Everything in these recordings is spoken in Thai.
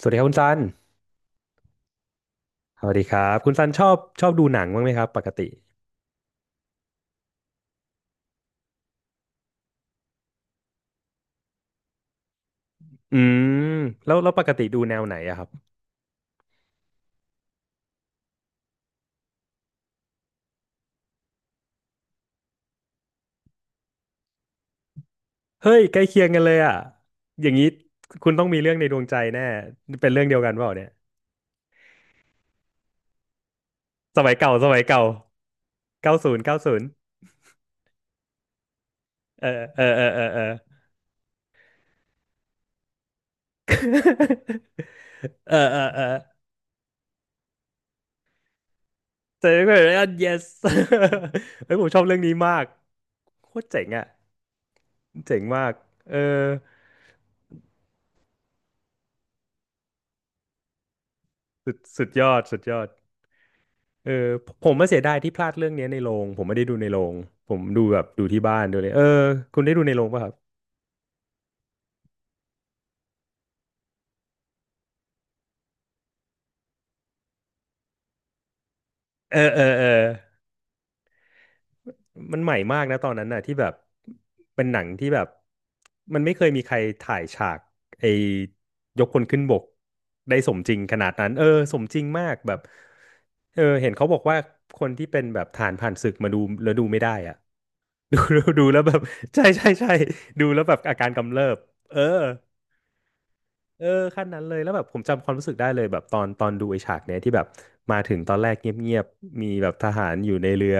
สวัสดีครับคุณซันสวัสดีครับคุณซันชอบดูหนังบ้างไหมครับปกติอืมแล้วปกติดูแนวไหนอะครับเฮ้ยใกล้เคียงกันเลยอะอย่างนี้คุณต้องมีเรื่องในดวงใจแน่เป็นเรื่องเดียวกันเปล่าเนี่ยสมัยเก่าสมัยเก่าเก้าศูนย์เก้าศูนย์เออเออเออเออเออ เออเออเออเจอกัน yes เฮ้ยผมชอบเรื่องนี้มากโคตรเจ๋งอะเจ๋งมากเออสุดยอดสุดยอด เออผมมาเสียดายที่พลาดเรื่องเนี้ยในโรงผมไม่ได้ดูในโรงผมดูแบบดูที่บ้านดูเลยเออคุณได้ดูในโรงป่ะครับเออเออเออมันใหม่มากนะตอนนั้นน่ะที่แบบเป็นหนังที่แบบมันไม่เคยมีใครถ่ายฉากไอ้ยกคนขึ้นบกได้สมจริงขนาดนั้นเออสมจริงมากแบบเออเห็นเขาบอกว่าคนที่เป็นแบบทหารผ่านศึกมาดูแล้วดูไม่ได้อ่ะ ดูแล้วแบบ ใช่ใช่ใช่ดูแล้วแบบอาการกำเริบเออ เออขั้นนั้นเลยแล้วแบบผมจำความรู้สึกได้เลยแบบตอนดูไอ้ฉากเนี้ยที่แบบมาถึงตอนแรกเงียบๆมีแบบทหารอยู่ในเรือ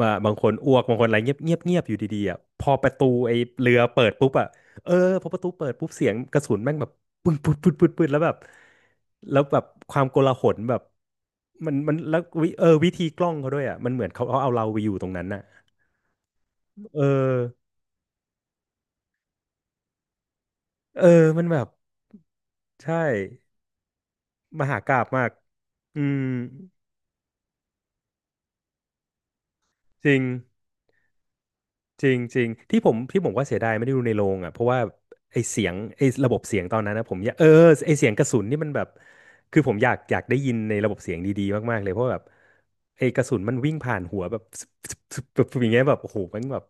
ว่าบางคนอ้วกบางคนอะไรเงียบเงียบเงียบอยู่ดีๆอ่ะพอประตูไอ้เรือเปิดปุ๊บอ่ะเออพอประตูเปิดปุ๊บเสียงกระสุนแม่งแบบปึ้งปึ๊ดปึ๊ดปึ๊ดปึ๊ดแล้วแบบแล้วแบบความโกลาหลแบบมันแล้ววิธีกล้องเขาด้วยอ่ะมันเหมือนเขาเอาเราไปอยู่ตรงนั้นน่ะเออเออมันแบบใช่มหากาพย์มากอืมจริง จริงจริงที่ผมว่าเสียดายไม่ได้ดูในโรงอ่ะเพราะว่าไอเสียงไอระบบเสียงตอนนั้นนะผมอยากไอเสียงกระสุนนี่มันแบบคือผมอยากได้ยินในระบบเสียงดีๆมากๆเลยเพราะแบบไอกระสุนมันวิ่งผ่านหัวแบบซึบซึบซึบแบบอย่างเงี้ยแบบโอ้โหมันแบบ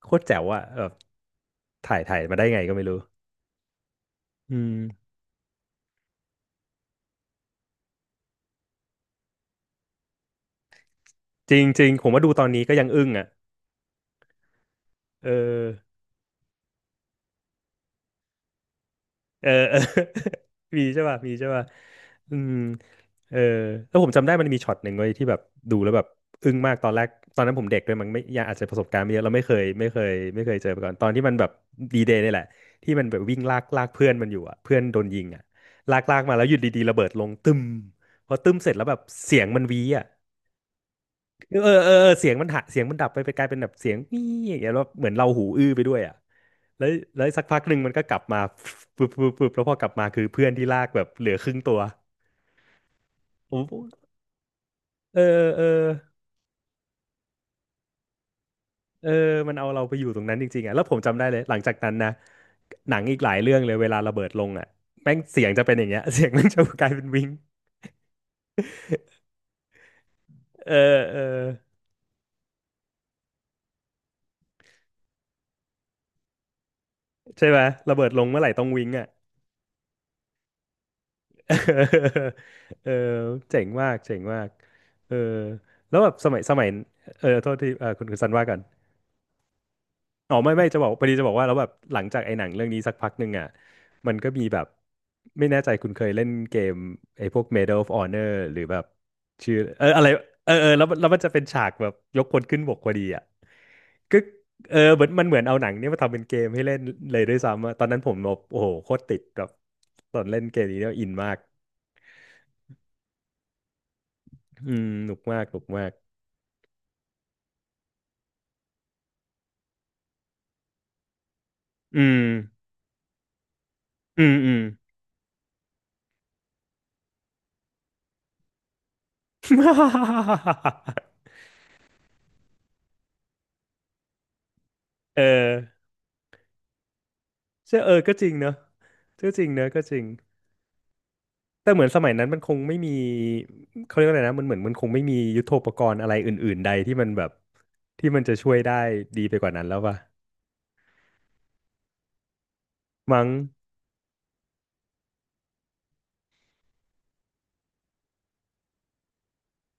โคตรแจ๋วอ่ะแบบถ่ายมาได้ไงก็ไม่รู้อืมจริงจริงผมว่าดูตอนนี้ก็ยังอึ้งอ่ะเออ เออ เออ มีใช่ป่ะมีใช่ป่ะอืมเออแล้วผมจำได้มันมีช็อตหนึ่งเว้ยที่แบบดูแล้วแบบอึ้งมากตอนแรกตอนนั้นผมเด็กด้วยมันไม่ยังอาจจะประสบการณ์ไม่เยอะเราไม่เคยเจอมาก่อนตอนที่มันแบบดีเดย์นี่แหละที่มันแบบวิ่งลากลากเพื่อนมันอยู่อ่ะเพื่อนโดนยิงอ่ะลากลากมาแล้วอยู่ดีๆระเบิดลงตึมพอตึมเสร็จแล้วแบบเสียงมันวีอ่ะ เออเออเออเออเสียงมันหะเสียงมันดับไปกลายเป็นแบบเสียงนี่อย่างเงี้ยแล้วเหมือนเราหูอื้อไปด้วยอ่ะแล้วแล้วสักพักหนึ่งมันก็กลับมาปึ๊บปึ๊บปึ๊บแล้วพอกลับมาคือเพื่อนที่ลากแบบเหลือครึ่งตัวโอ้โหเออเออเออมันเอาเราไปอยู่ตรงนั้นจริงๆอ่ะแล้วผมจำได้เลยหลังจากนั้นนะหนังอีกหลายเรื่องเลยเวลาระเบิดลงอ่ะแม่งเสียงจะเป็นอย่างเงี้ย เสียงแม่งจะกลายเป็นวิงเออเออใช่ไหมระเบิดลงเมื่อไหร่ต้องวิงอ่ะ เออเจ๋งมากเจ๋งมากเออแล้วแบบสมัยสมัยเออโทษทีเออคุณซันว่ากันอ๋อไม่จะบอกพอดีจะบอกว่าแล้วแบบหลังจากไอ้หนังเรื่องนี้สักพักหนึ่งอ่ะมันก็มีแบบไม่แน่ใจคุณเคยเล่นเกมไอ้พวก Medal of Honor หรือแบบชื่ออะไรเออเออแล้วมันจะเป็นฉากแบบยกคนขึ้นบกพอดีอ่ะก็เออเหมือนมันเหมือนเอาหนังเนี้มาทำเป็นเกมให้เล่นเลยด้วยซ้ำอะตอนนั้นผมแบบโอ้โหโคตรติดแบบตอนเล่นเกมนี้เนี่ยอินมากอืมหนุกมากหนุกมาก อืม อืมอืม เออใช่เออก็จริงเนอะก็จริงเนอะก็จริงแต่เหมือนสมัยนั้นมันคงไม่มีเขาเรียกว่าอะไรนะมันเหมือนมันคงไม่มียุทโธปกรณ์อะไรอื่นๆใดที่มันแบบที่มันจะช่วยได้ดีไปกว่านั้นแล้วป่ะมั้ง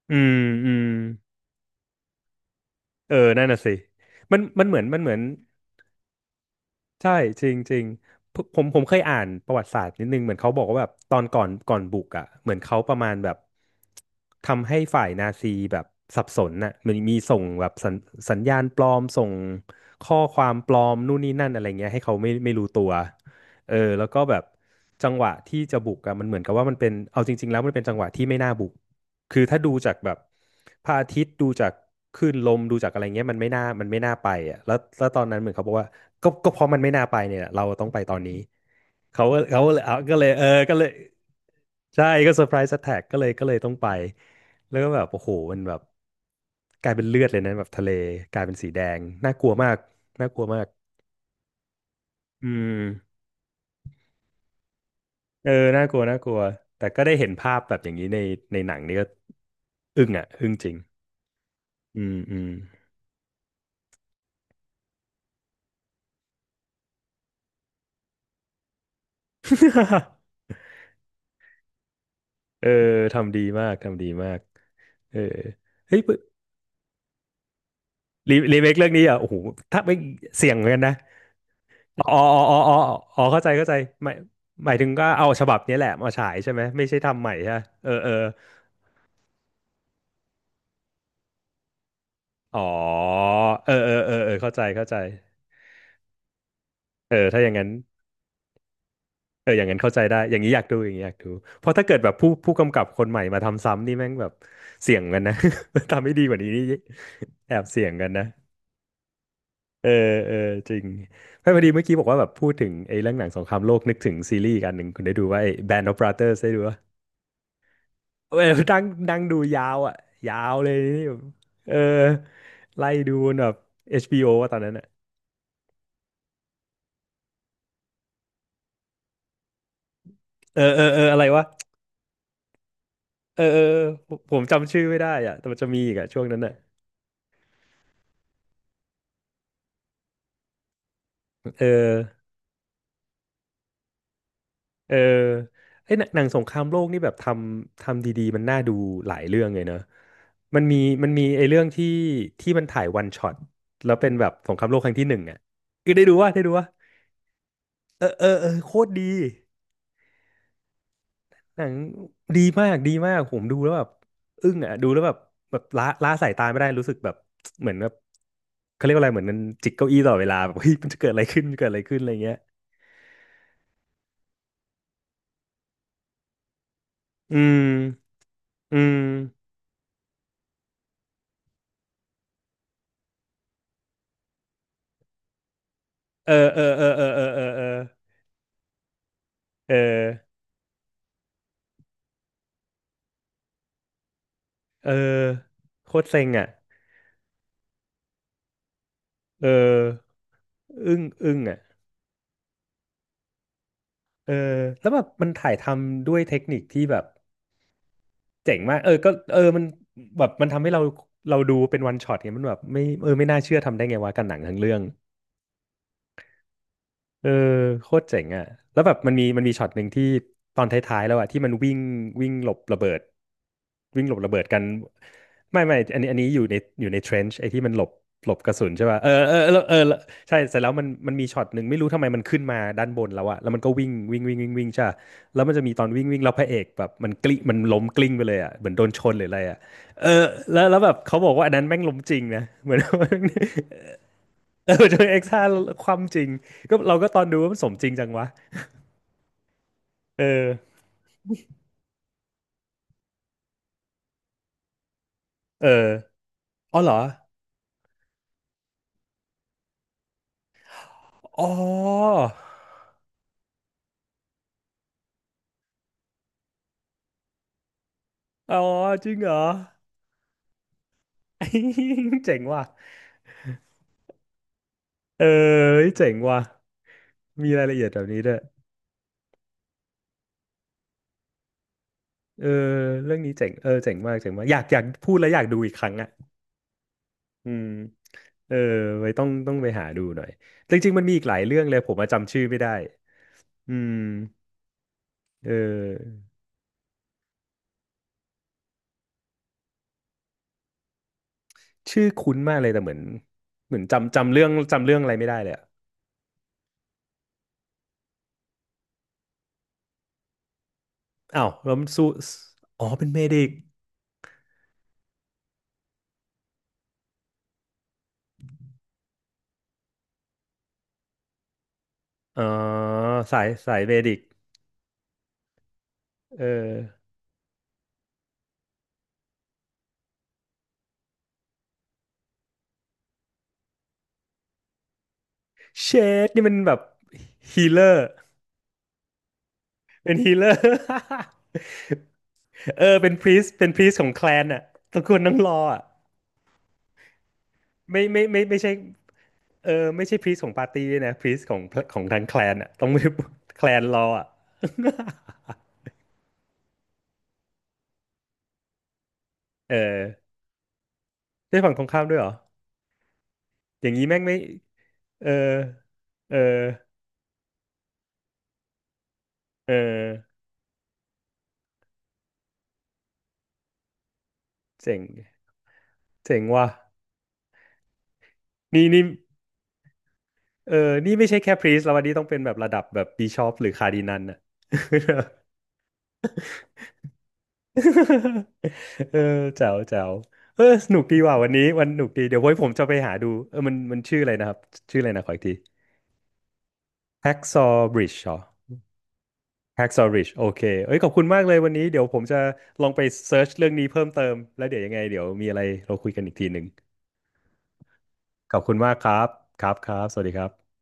อืมอืมเออนั่นน่ะสิมันมันเหมือนมันเหมือน ใช่จริงจริงผมเคยอ่านประวัติศาสตร์นิดนึงเหมือนเขาบอกว่าแบบตอนก่อนบุกอ่ะเหมือนเขาประมาณแบบทำให้ฝ่ายนาซีแบบสับสนน่ะเหมันมีส่งแบบสัญญาณปลอมส่งข้อความปลอมนู่นนี่นั่นอะไรเงี้ยให้เขาไม่รู้ตัวเออแล้วก็แบบจังหวะที่จะบุกอ่ะมันเหมือนกับว่ามันเป็นเอาจริงๆแล้วมันเป็นจังหวะที่ไม่น่าบุก คือถ้าดูจากแบบพระอาทิตย์ดูจากคลื่นลมดูจากอะไรเงี้ยมันไม่น่าไปอ่ะแล้วตอนนั้นเหมือนเขาบอกว่าก็เพราะมันไม่น่าไปเนี่ยเราต้องไปตอนนี้เขาก็เลยเอาก็เลยก็เลยใช่ก็เซอร์ไพรส์แท็กก็เลยต้องไปแล้วก็แบบโอ้โหมันแบบกลายเป็นเลือดเลยนะแบบทะเลกลายเป็นสีแดงน่ากลัวมากน่ากลัวมากอืมเออน่ากลัวน่ากลัวแต่ก็ได้เห็นภาพแบบอย่างนี้ในในหนังนี่ก็อึ้งอ่ะอึ้งจริงอืมอืม เออทำดีมากทำดีมากเออเฮ้ยรีเมคเรื่องนี้อ่ะโอ้โหถ้าไม่เสี่ยงเหมือนกันนะอ๋ออ๋ออ๋ออ๋ออ๋อเข้าใจเข้าใจหมายหมายถึงก็เอาฉบับนี้แหละมาฉายใช่ไหมไม่ใช่ทำใหม่ใช่ปะเออเอออ๋อเออเออเออเออเข้าใจเข้าใจเออถ้าอย่างนั้นเอออย่างนั้นเข้าใจได้อย่างนี้อยากดูอย่างนี้อยากดูเพราะถ้าเกิดแบบผู้กำกับคนใหม่มาทำซ้ำนี่แม่งแบบเสี่ยงกันนะ ทำไม่ดีกว่านี้นี่แอบเสี่ยงกันนะ เออเออจริงไม่พอดีเมื่อกี้บอกว่าแบบพูดถึงไอ้เรื่องหนังสงครามโลกนึกถึงซีรีส์อีกอันหนึ่งคุณได้ดูว่าไอ้ Band of Brothers ได้ดูว่าเออ นั่งนั่งดูยาวอ่ะยาวเลยนี่แบบเออไล่ดูบนแบบ HBO ว่าตอนนั้นอ่ะเออเออเอออะไรวะเออเออผมจำชื่อไม่ได้อ่ะแต่มันจะมีอีกอ่ะช่วงนั้นอ่ะเออ เออไอ้ยหนังสงครามโลกนี่แบบทำดีๆมันน่าดูหลายเรื่องเลยเนอะมันมีมันมีไอ้เรื่องที่ที่มันถ่ายวันช็อตแล้วเป็นแบบสงครามโลกครั้งที่หนึ่งอ่ะคือได้ดูว่าได้ดูว่าเออเออเออโคตรดีหนังดีมากดีมากผมดูแล้วแบบอึ้งอ่ะดูแล้วแบบแบบละสายตาไม่ได้รู้สึกแบบเหมือนแบบเขาเรียกว่าอะไรเหมือนมันจิกเก้าอี้ตลอดเวลาแบบเฮ้ยมันจะเกิดอะไรขึ้นเกิดอะไรขึ้นอะไรเงี้ยอืมอืมเออเออเออเออเออเออเออเออ เออโคตรเซ็งอ่ะเอออึ้งอ่ะเออแล้วแบบมันถ่ายทำด้วยเทคนิคที่แบบเจ๋งมากเออก็เออมันแบบมันทำให้เราเราดูเป็นวันช็อตไงมันแบบไม่เออไม่น่าเชื่อทำได้ไงวะกันหนังทั้งเรื่อง เออโคตรเจ๋งอ่ะแล้วแบบมันมีมันมีช็อตหนึ่งที่ตอนท้ายๆแล้วอ่ะที่มันวิ่งวิ่งหลบระเบิดวิ่งหลบระเบิดกันไม่อันนี้อันนี้อยู่ในอยู่ในเทรนช์ไอ้ที่มันหลบหลบกระสุนใช่ป่ะเออเออเออเออแล้วใช่เสร็จแล้วมันมีช็อตหนึ่งไม่รู้ทำไมมันขึ้นมาด้านบนแล้วอ่ะแล้วมันก็วิ่งวิ่งวิ่งวิ่งวิ่งใช่ปะแล้วมันจะมีตอนวิ่งวิ่งแล้วพระเอกแบบมันกลิ้งมันล้มกลิ้งไปเลยอ่ะเหมือนโดนชนหรืออะไรอ่ะเออแล้วแบบเขาบอกว่าอันนั้นแม่งล้มจริงนะเหมือน เออ จนเอ็กซ์ห้าความจริงก็เราก็ตอนดูว่ามันสมจริงจังวะเออเอออ๋อเหรออ๋ออ๋อจริงเหรอ เจ๋งว่ะเออเจ๋งว่ะมีรายละเอียดแบบนี้ด้วยเออเรื่องนี้เจ๋งเออเจ๋งมากเจ๋งมากอยากพูดแล้วอยากดูอีกครั้งอ่ะอืมเออไว้ต้องไปหาดูหน่อยจริงๆมันมีอีกหลายเรื่องเลยผมมาจำชื่อไม่ได้อืมเออชื่อคุ้นมากเลยแต่เหมือนเหมือนจำเรื่องอะไรไม่ได้เลยอะ อ้าวแล้วมันสู้อ๋อเป็นเมดิกอ๋อสายสายเมดิกเออเชดนี่มันแบบฮีเลอร์เป็นฮี เลอร์เออเป็นพรีสเป็นพรีสของแคลนอ่ะตระกูลนังรออ่ะไม่ใช่เออไม่ใช่พรีสของปาร์ตี้ด้วยนะพรีสของของทางแคลนอ่ะต้องไม่แคลนรออ่ะ เออได้ฝั่งตรงข้ามด้วยเหรออย่างนี้แม่งไม่เออเออเออเจ๋งเจ๋งว่ะนี่นี่ เออนี่ไม่ใช่แค่พรีสแล้ววันนี้ต้องเป็นแบบระดับแบบบิชอปหรือคาร์ดินัลน่ะ เออแจ๋วแจ๋วเออสนุกดีว่ะวันนี้วันสนุกดี เดี๋ยวไว้ผมจะไปหาดูเออมันมันชื่ออะไรนะครับ ชื่ออะไรนะขออีกที Hacksaw Bridge เหรอ Hacksaw Ridge โอเคเอ้ยขอบคุณมากเลยวันนี้ เดี๋ยวผมจะลองไปเซิร์ชเรื่องนี้เพิ่มเติม แล้วเดี๋ยวยังไง เดี๋ยวมีอะไรเราคุยกันอีกทีหนึ่ง ขอบคุณมากครับครับครับสวัสดีครับ